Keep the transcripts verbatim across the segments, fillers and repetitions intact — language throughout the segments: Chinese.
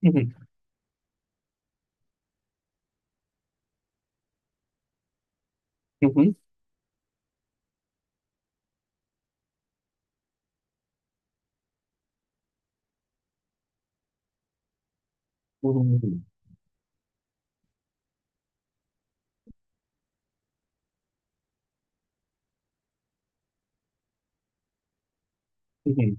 嗯哼，嗯哼，嗯哼，嗯哼，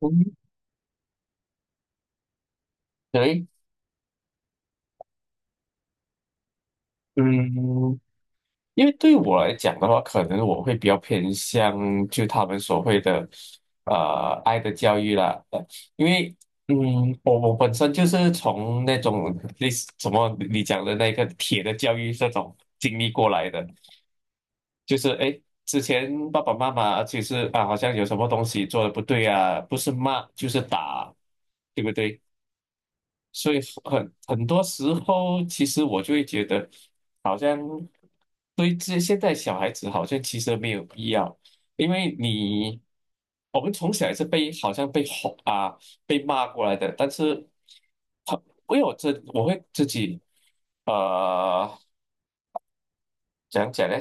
嗯，可以。嗯，因为对我来讲的话，可能我会比较偏向就他们所谓的呃爱的教育啦。呃因为嗯，我我本身就是从那种类似什么你讲的那个铁的教育这种经历过来的。就是哎，诶之前爸爸妈妈其实啊，好像有什么东西做的不对啊，不是骂就是打，对不对？所以很很多时候，其实我就会觉得，好像对这现在小孩子好像其实没有必要。因为你我们从小也是被好像被吼啊被骂过来的，但是很因为我这我会自己呃怎样讲呢？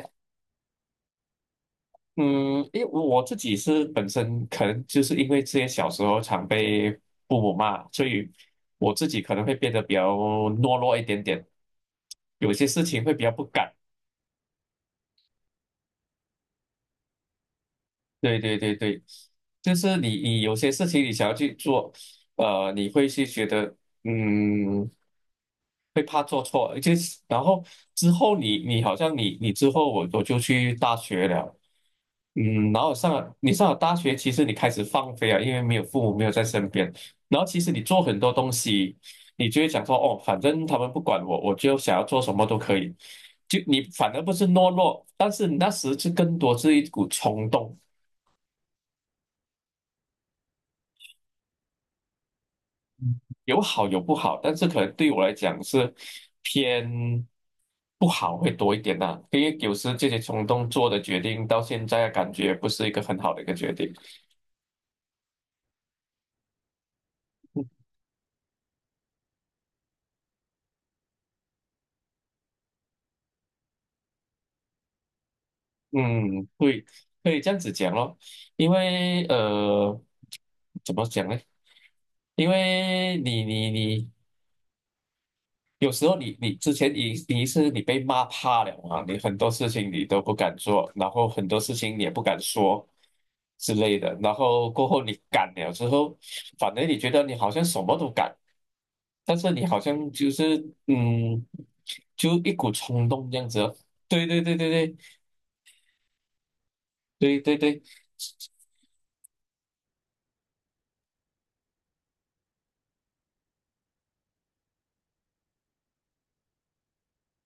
嗯，因为我我自己是本身可能就是因为之前小时候常被父母骂，所以我自己可能会变得比较懦弱一点点，有些事情会比较不敢。对对对对，就是你你有些事情你想要去做，呃，你会去觉得嗯会怕做错。而且然后之后你你好像你你之后我我就去大学了。嗯，然后上了你上了大学，其实你开始放飞啊，因为没有父母没有在身边，然后其实你做很多东西，你就会想说，哦，反正他们不管我，我就想要做什么都可以。就你反而不是懦弱，但是那时是更多是一股冲动。有好有不好，但是可能对我来讲是偏不好会多一点呐、因为有时这些冲动做的决定，到现在感觉不是一个很好的一个决定。嗯，会可以这样子讲咯。因为呃，怎么讲呢？因为你你你有时候你你之前你你是你被骂怕了嘛，你很多事情你都不敢做，然后很多事情你也不敢说之类的。然后过后你敢了之后，反正你觉得你好像什么都敢，但是你好像就是嗯，就一股冲动这样子哦。对对对对对对对对，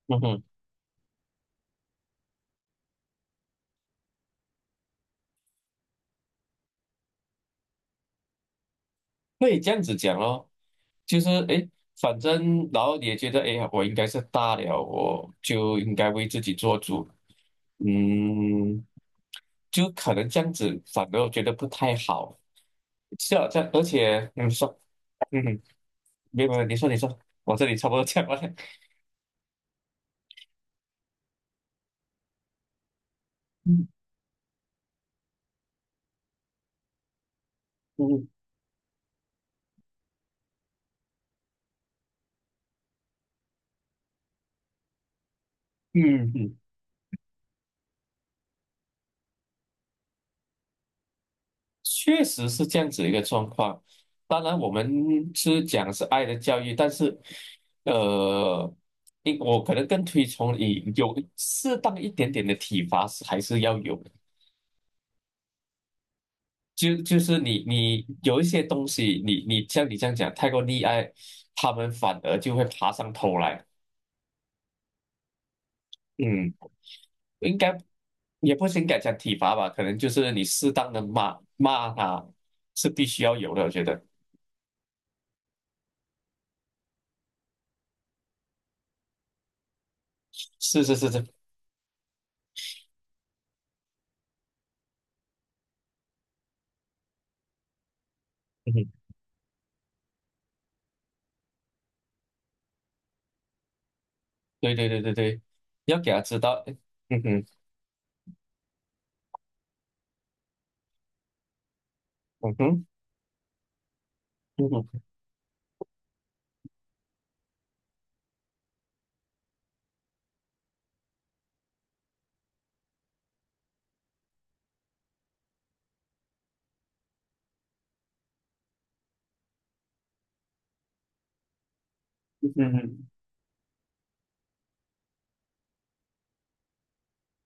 嗯哼。可以这样子讲咯，就是诶，反正然后你也觉得诶，我应该是大了，我就应该为自己做主。嗯，就可能这样子，反而我觉得不太好。是啊，这而且你说。嗯，没有没有，你说你说，我这里差不多讲完了。嗯嗯嗯。确实是这样子一个状况。当然，我们是讲是爱的教育，但是，呃，因我可能更推崇你有适当一点点的体罚是还是要有的。就就是你你有一些东西，你你像你这样讲太过溺爱，他们反而就会爬上头来。嗯，应该也不是应该讲体罚吧，可能就是你适当的骂骂他是必须要有的，我觉得是是是是，对对对对对，要给他知道，哼，嗯哼，嗯哼，嗯哼，嗯哼，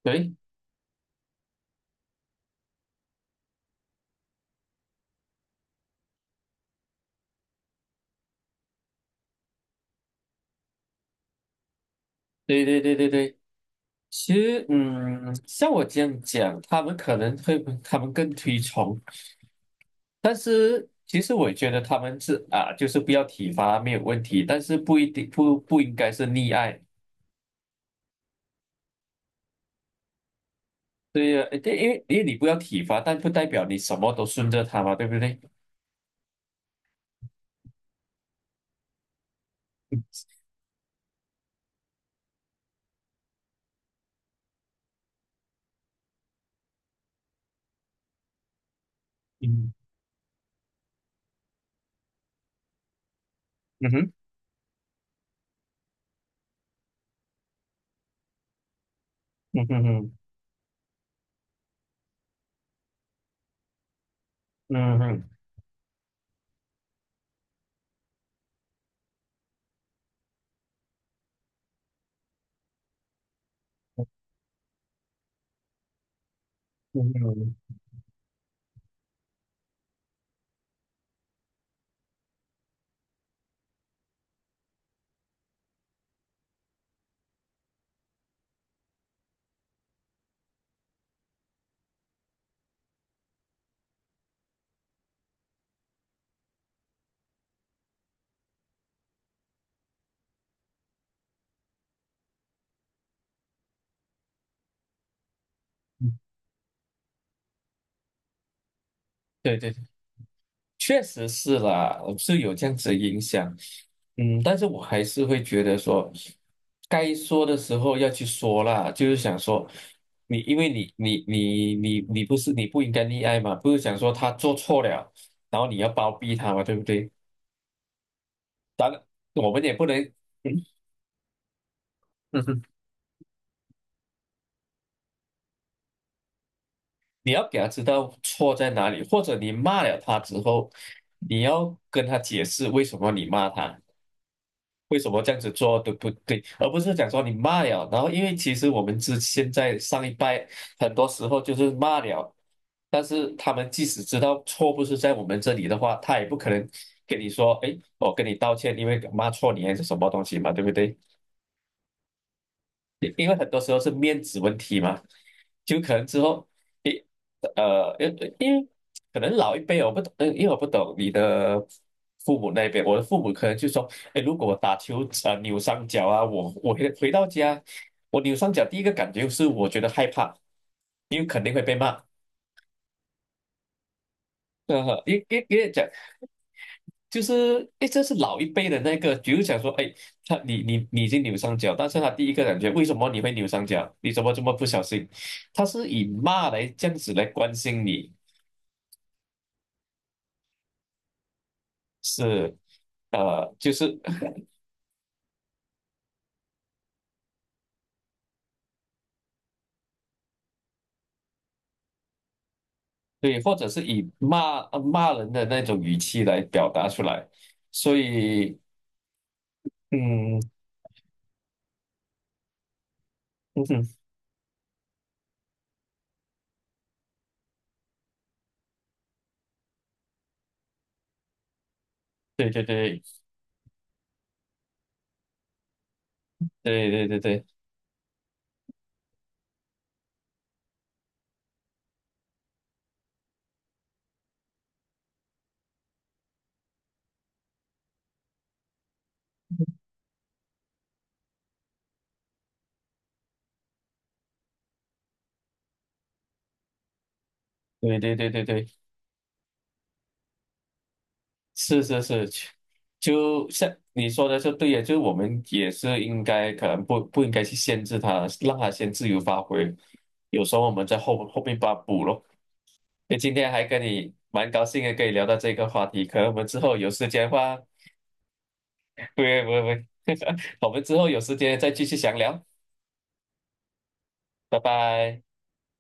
对对对对对对。其实嗯，像我这样讲，他们可能会，他们更推崇，但是其实我觉得他们是啊，就是不要体罚没有问题，但是不一定不不应该是溺爱。对呀，对，因为因为你不要体罚，但不代表你什么都顺着他嘛，对不对？嗯嗯嗯哼，嗯哼，嗯哼，嗯哼，嗯哼，对对对。确实是啦，是有这样子的影响。嗯，但是我还是会觉得说，该说的时候要去说啦，就是想说，你因为你你你你你不是你不应该溺爱嘛，不是想说他做错了，然后你要包庇他嘛，对不对？当然，我们也不能，嗯嗯哼，你要给他知道错在哪里，或者你骂了他之后，你要跟他解释为什么你骂他。为什么这样子做对不对，而不是讲说你骂了，然后因为其实我们之现在上一代很多时候就是骂了，但是他们即使知道错不是在我们这里的话，他也不可能跟你说，哎，我跟你道歉，因为骂错你还是什么东西嘛，对不对？因因为很多时候是面子问题嘛，就可能之后，诶，呃，因因为可能老一辈我不懂，呃因为我不懂你的父母那边，我的父母可能就说，诶，如果我打球啊呃扭伤脚啊，我我回回到家，我扭伤脚第一个感觉是我觉得害怕，因为肯定会被骂。呃，因因因为讲就是哎，这是老一辈的那个，比如讲说，哎，他你你你已经扭伤脚，但是他第一个感觉，为什么你会扭伤脚？你怎么这么不小心？他是以骂来这样子来关心你，是呃，就是对，或者是以骂呃骂人的那种语气来表达出来，所以嗯嗯哼，对对对对对对对对对对对对对。是是是，就像你说的就对呀，就是我们也是应该可能不不应该去限制他，让他先自由发挥。有时候我们在后后面把他补咯。那今天还跟你蛮高兴的，可以聊到这个话题。可能我们之后有时间的话，不会不会不会，我们之后有时间再继续详聊。拜拜。